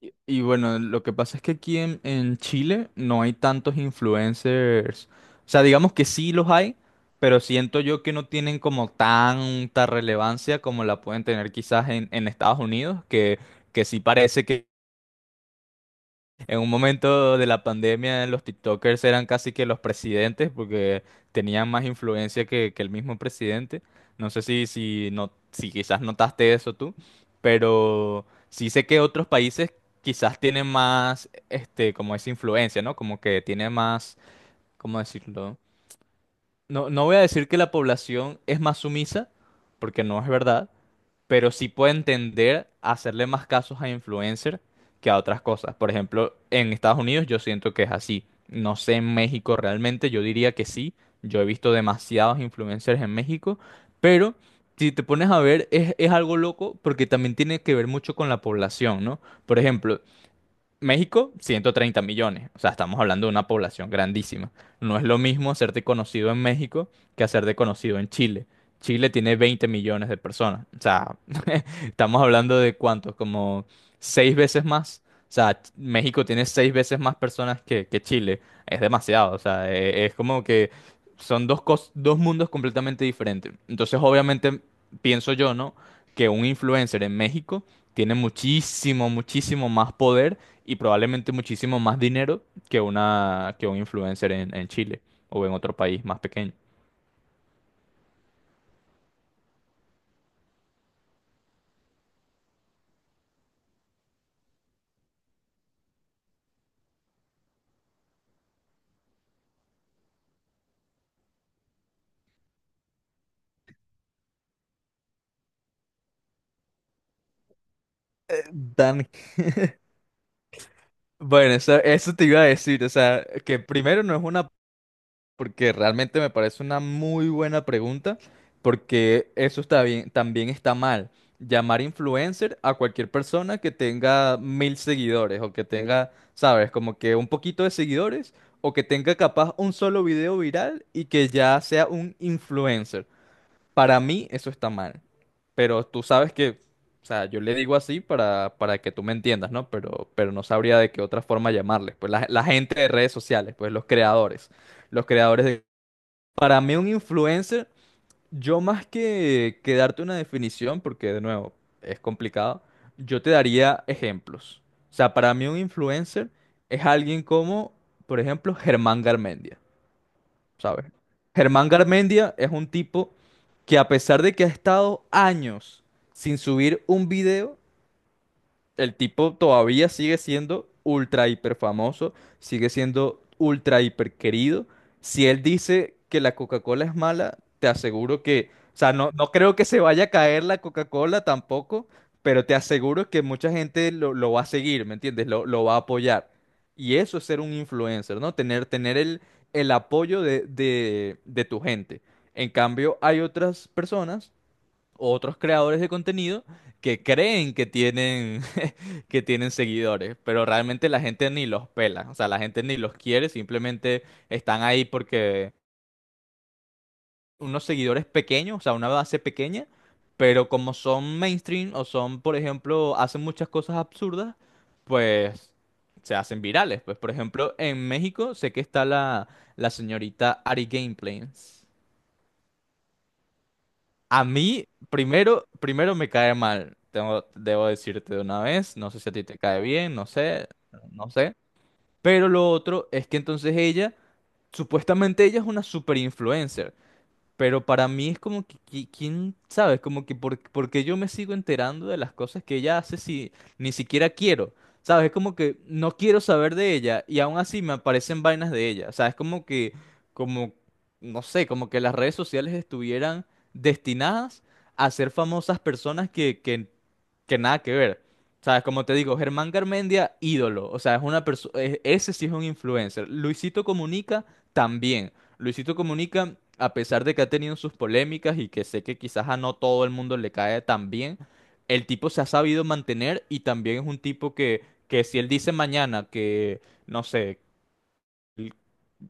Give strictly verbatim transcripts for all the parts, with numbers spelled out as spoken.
Y, y bueno, lo que pasa es que aquí en, en Chile no hay tantos influencers. O sea, digamos que sí los hay, pero siento yo que no tienen como tanta relevancia como la pueden tener quizás en, en Estados Unidos, que, que sí parece que. En un momento de la pandemia, los TikTokers eran casi que los presidentes porque tenían más influencia que, que el mismo presidente. No sé si, si, no, si quizás notaste eso tú, pero sí sé que otros países quizás tienen más, este, como esa influencia, ¿no? Como que tiene más, ¿cómo decirlo? No, no voy a decir que la población es más sumisa, porque no es verdad, pero sí pueden tender a hacerle más casos a influencer que a otras cosas. Por ejemplo, en Estados Unidos yo siento que es así. No sé en México realmente, yo diría que sí. Yo he visto demasiados influencers en México, pero si te pones a ver es, es algo loco porque también tiene que ver mucho con la población, ¿no? Por ejemplo, México, 130 millones. O sea, estamos hablando de una población grandísima. No es lo mismo hacerte conocido en México que hacerte conocido en Chile. Chile tiene 20 millones de personas. O sea, estamos hablando de cuántos, como seis veces más. O sea, Ch- México tiene seis veces más personas que, que Chile. Es demasiado. O sea, e- es, como que son dos, cos- dos mundos completamente diferentes. Entonces, obviamente, pienso yo, ¿no? Que un influencer en México tiene muchísimo, muchísimo más poder y probablemente muchísimo más dinero que una que un influencer en, en Chile o en otro país más pequeño. Dan, bueno, eso, eso te iba a decir, o sea, que primero no es una, porque realmente me parece una muy buena pregunta, porque eso está bien, también está mal. Llamar influencer a cualquier persona que tenga mil seguidores o que tenga, sabes, como que un poquito de seguidores o que tenga capaz un solo video viral y que ya sea un influencer. Para mí eso está mal, pero tú sabes que, o sea, yo le digo así para, para que tú me entiendas, ¿no? Pero, pero no sabría de qué otra forma llamarles, pues la, la gente de redes sociales, pues los creadores, los creadores de... Para mí un influencer, yo más que, que darte una definición, porque de nuevo es complicado, yo te daría ejemplos. O sea, para mí un influencer es alguien como, por ejemplo, Germán Garmendia. ¿Sabes? Germán Garmendia es un tipo que a pesar de que ha estado años sin subir un video, el tipo todavía sigue siendo ultra hiper famoso, sigue siendo ultra hiper querido. Si él dice que la Coca-Cola es mala, te aseguro que, o sea, no, no creo que se vaya a caer la Coca-Cola tampoco, pero te aseguro que mucha gente lo, lo va a seguir, ¿me entiendes? Lo, lo va a apoyar. Y eso es ser un influencer, ¿no? Tener, tener el, el apoyo de, de de tu gente. En cambio, hay otras personas, otros creadores de contenido que creen que tienen, que tienen seguidores, pero realmente la gente ni los pela, o sea, la gente ni los quiere, simplemente están ahí porque unos seguidores pequeños, o sea, una base pequeña, pero como son mainstream o son, por ejemplo, hacen muchas cosas absurdas, pues se hacen virales. Pues, por ejemplo, en México sé que está la, la señorita Ari Gameplays. A mí, primero, primero me cae mal. Tengo, debo decirte de una vez. No sé si a ti te cae bien, no sé, no sé. Pero lo otro es que entonces ella, supuestamente ella es una super influencer. Pero para mí es como que, qui- ¿quién sabe? Es como que por, porque yo me sigo enterando de las cosas que ella hace si ni siquiera quiero. ¿Sabes? Es como que no quiero saber de ella y aún así me aparecen vainas de ella. O sea, es como que, como, no sé, como que las redes sociales estuvieran destinadas a ser famosas personas que, que, que nada que ver. ¿Sabes? Como te digo, Germán Garmendia, ídolo. O sea, es una persona, ese sí es un influencer. Luisito Comunica también. Luisito Comunica, a pesar de que ha tenido sus polémicas y que sé que quizás a no todo el mundo le cae tan bien, el tipo se ha sabido mantener y también es un tipo que, que si él dice mañana que, no sé,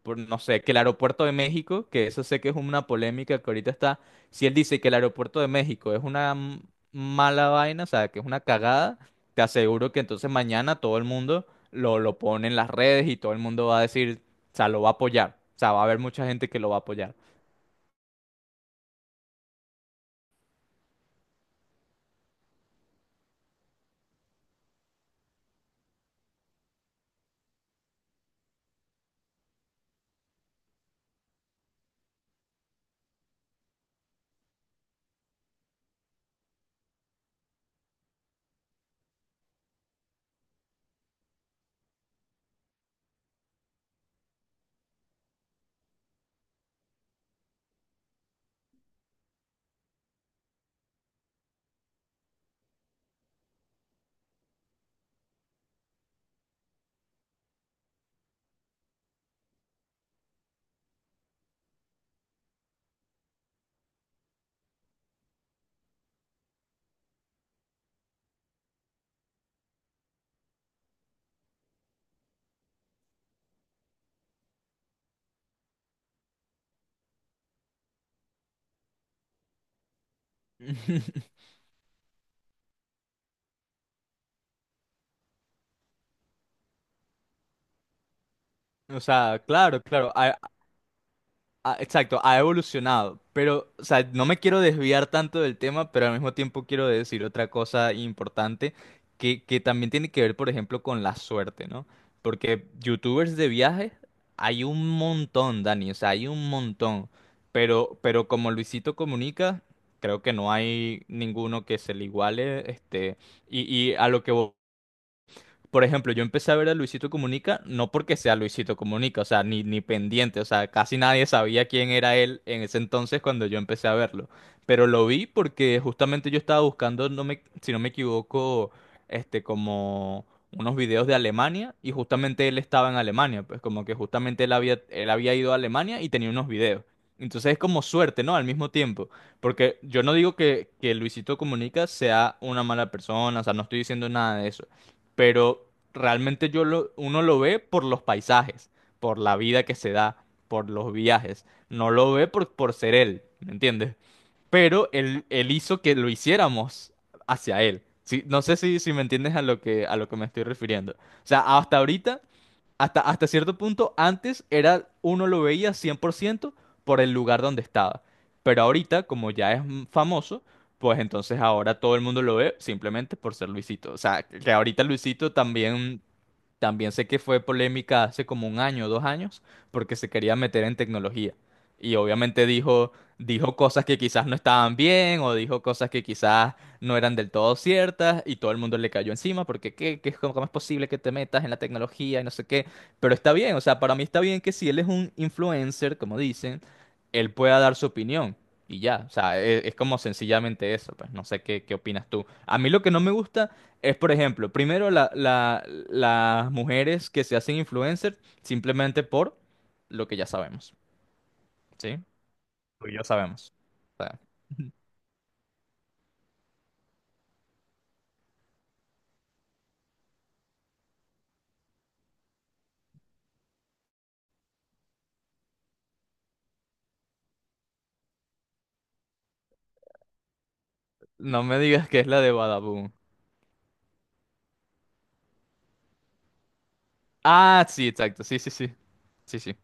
por- no sé, que el aeropuerto de México, que eso sé que es una polémica que ahorita está, si él dice que el aeropuerto de México es una m- mala vaina, o sea, que es una cagada, te aseguro que entonces mañana todo el mundo lo, lo pone en las redes y todo el mundo va a decir, o sea, lo va a apoyar, o sea, va a haber mucha gente que lo va a apoyar. O sea, claro, claro, ha- ha- exacto, ha evolucionado, pero, o sea, no me quiero desviar tanto del tema, pero al mismo tiempo quiero decir otra cosa importante que, que también tiene que ver, por ejemplo, con la suerte, ¿no? Porque youtubers de viajes hay un montón, Dani, o sea, hay un montón, pero, pero como Luisito Comunica, creo que no hay ninguno que se le iguale, este, y, y a lo que por ejemplo, yo empecé a ver a Luisito Comunica no porque sea Luisito Comunica, o sea, ni, ni pendiente, o sea, casi nadie sabía quién era él en ese entonces cuando yo empecé a verlo. Pero lo vi porque justamente yo estaba buscando, no me, si no me equivoco, este, como unos videos de Alemania y justamente él estaba en Alemania, pues como que justamente él había, él había ido a Alemania y tenía unos videos. Entonces es como suerte, ¿no? Al mismo tiempo. Porque yo no digo que, que Luisito Comunica sea una mala persona, o sea, no estoy diciendo nada de eso pero realmente yo lo, uno lo ve por los paisajes, por la vida que se da, por los viajes, no lo ve por, por ser él, ¿me entiendes? Pero él, él hizo que lo hiciéramos hacia él. Sí, no sé si, si me entiendes a lo que, a lo que me estoy refiriendo. O sea, hasta ahorita hasta, hasta cierto punto, antes era, uno lo veía cien por ciento por el lugar donde estaba. Pero ahorita, como ya es mm, famoso, pues entonces ahora todo el mundo lo ve simplemente por ser Luisito. O sea, que ahorita Luisito también también sé que fue polémica hace como un año dos años porque se quería meter en tecnología. Y obviamente dijo, dijo cosas que quizás no estaban bien o dijo cosas que quizás no eran del todo ciertas y todo el mundo le cayó encima porque ¿qué, qué, cómo, cómo es posible que te metas en la tecnología y no sé qué? Pero está bien, o sea, para mí está bien que si él es un influencer, como dicen, él pueda dar su opinión. Y ya, o sea, e- es, como sencillamente eso, pues no sé qué, qué opinas tú. A mí lo que no me gusta es, por ejemplo, primero la- la- las mujeres que se hacen influencer simplemente por lo que ya sabemos, ¿sí? Lo que ya sabemos. O sea, no me digas que es la de Badaboom. Ah, sí, exacto, sí, sí, sí, sí, sí.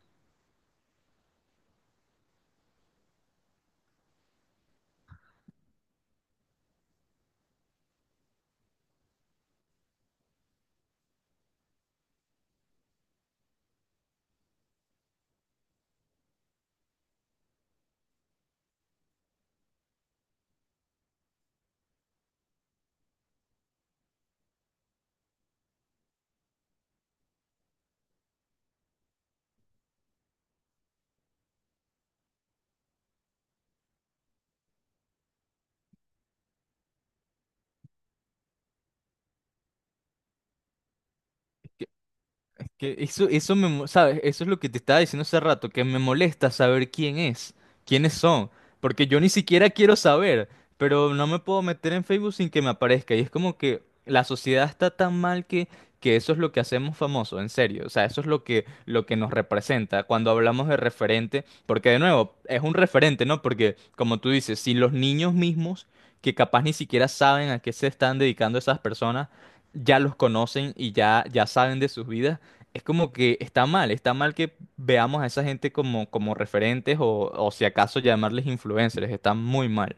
Que eso, eso me, mo- ¿sabes? Eso es lo que te estaba diciendo hace rato, que me molesta saber quién es, quiénes son, porque yo ni siquiera quiero saber, pero no me puedo meter en Facebook sin que me aparezca. Y es como que la sociedad está tan mal que, que eso es lo que hacemos famoso, en serio. O sea, eso es lo que, lo que nos representa cuando hablamos de referente, porque de nuevo, es un referente, ¿no? Porque, como tú dices, si los niños mismos, que capaz ni siquiera saben a qué se están dedicando esas personas, ya los conocen y ya, ya saben de sus vidas es como que está mal, está mal que veamos a esa gente como, como referentes o, o si acaso llamarles influencers, está muy mal.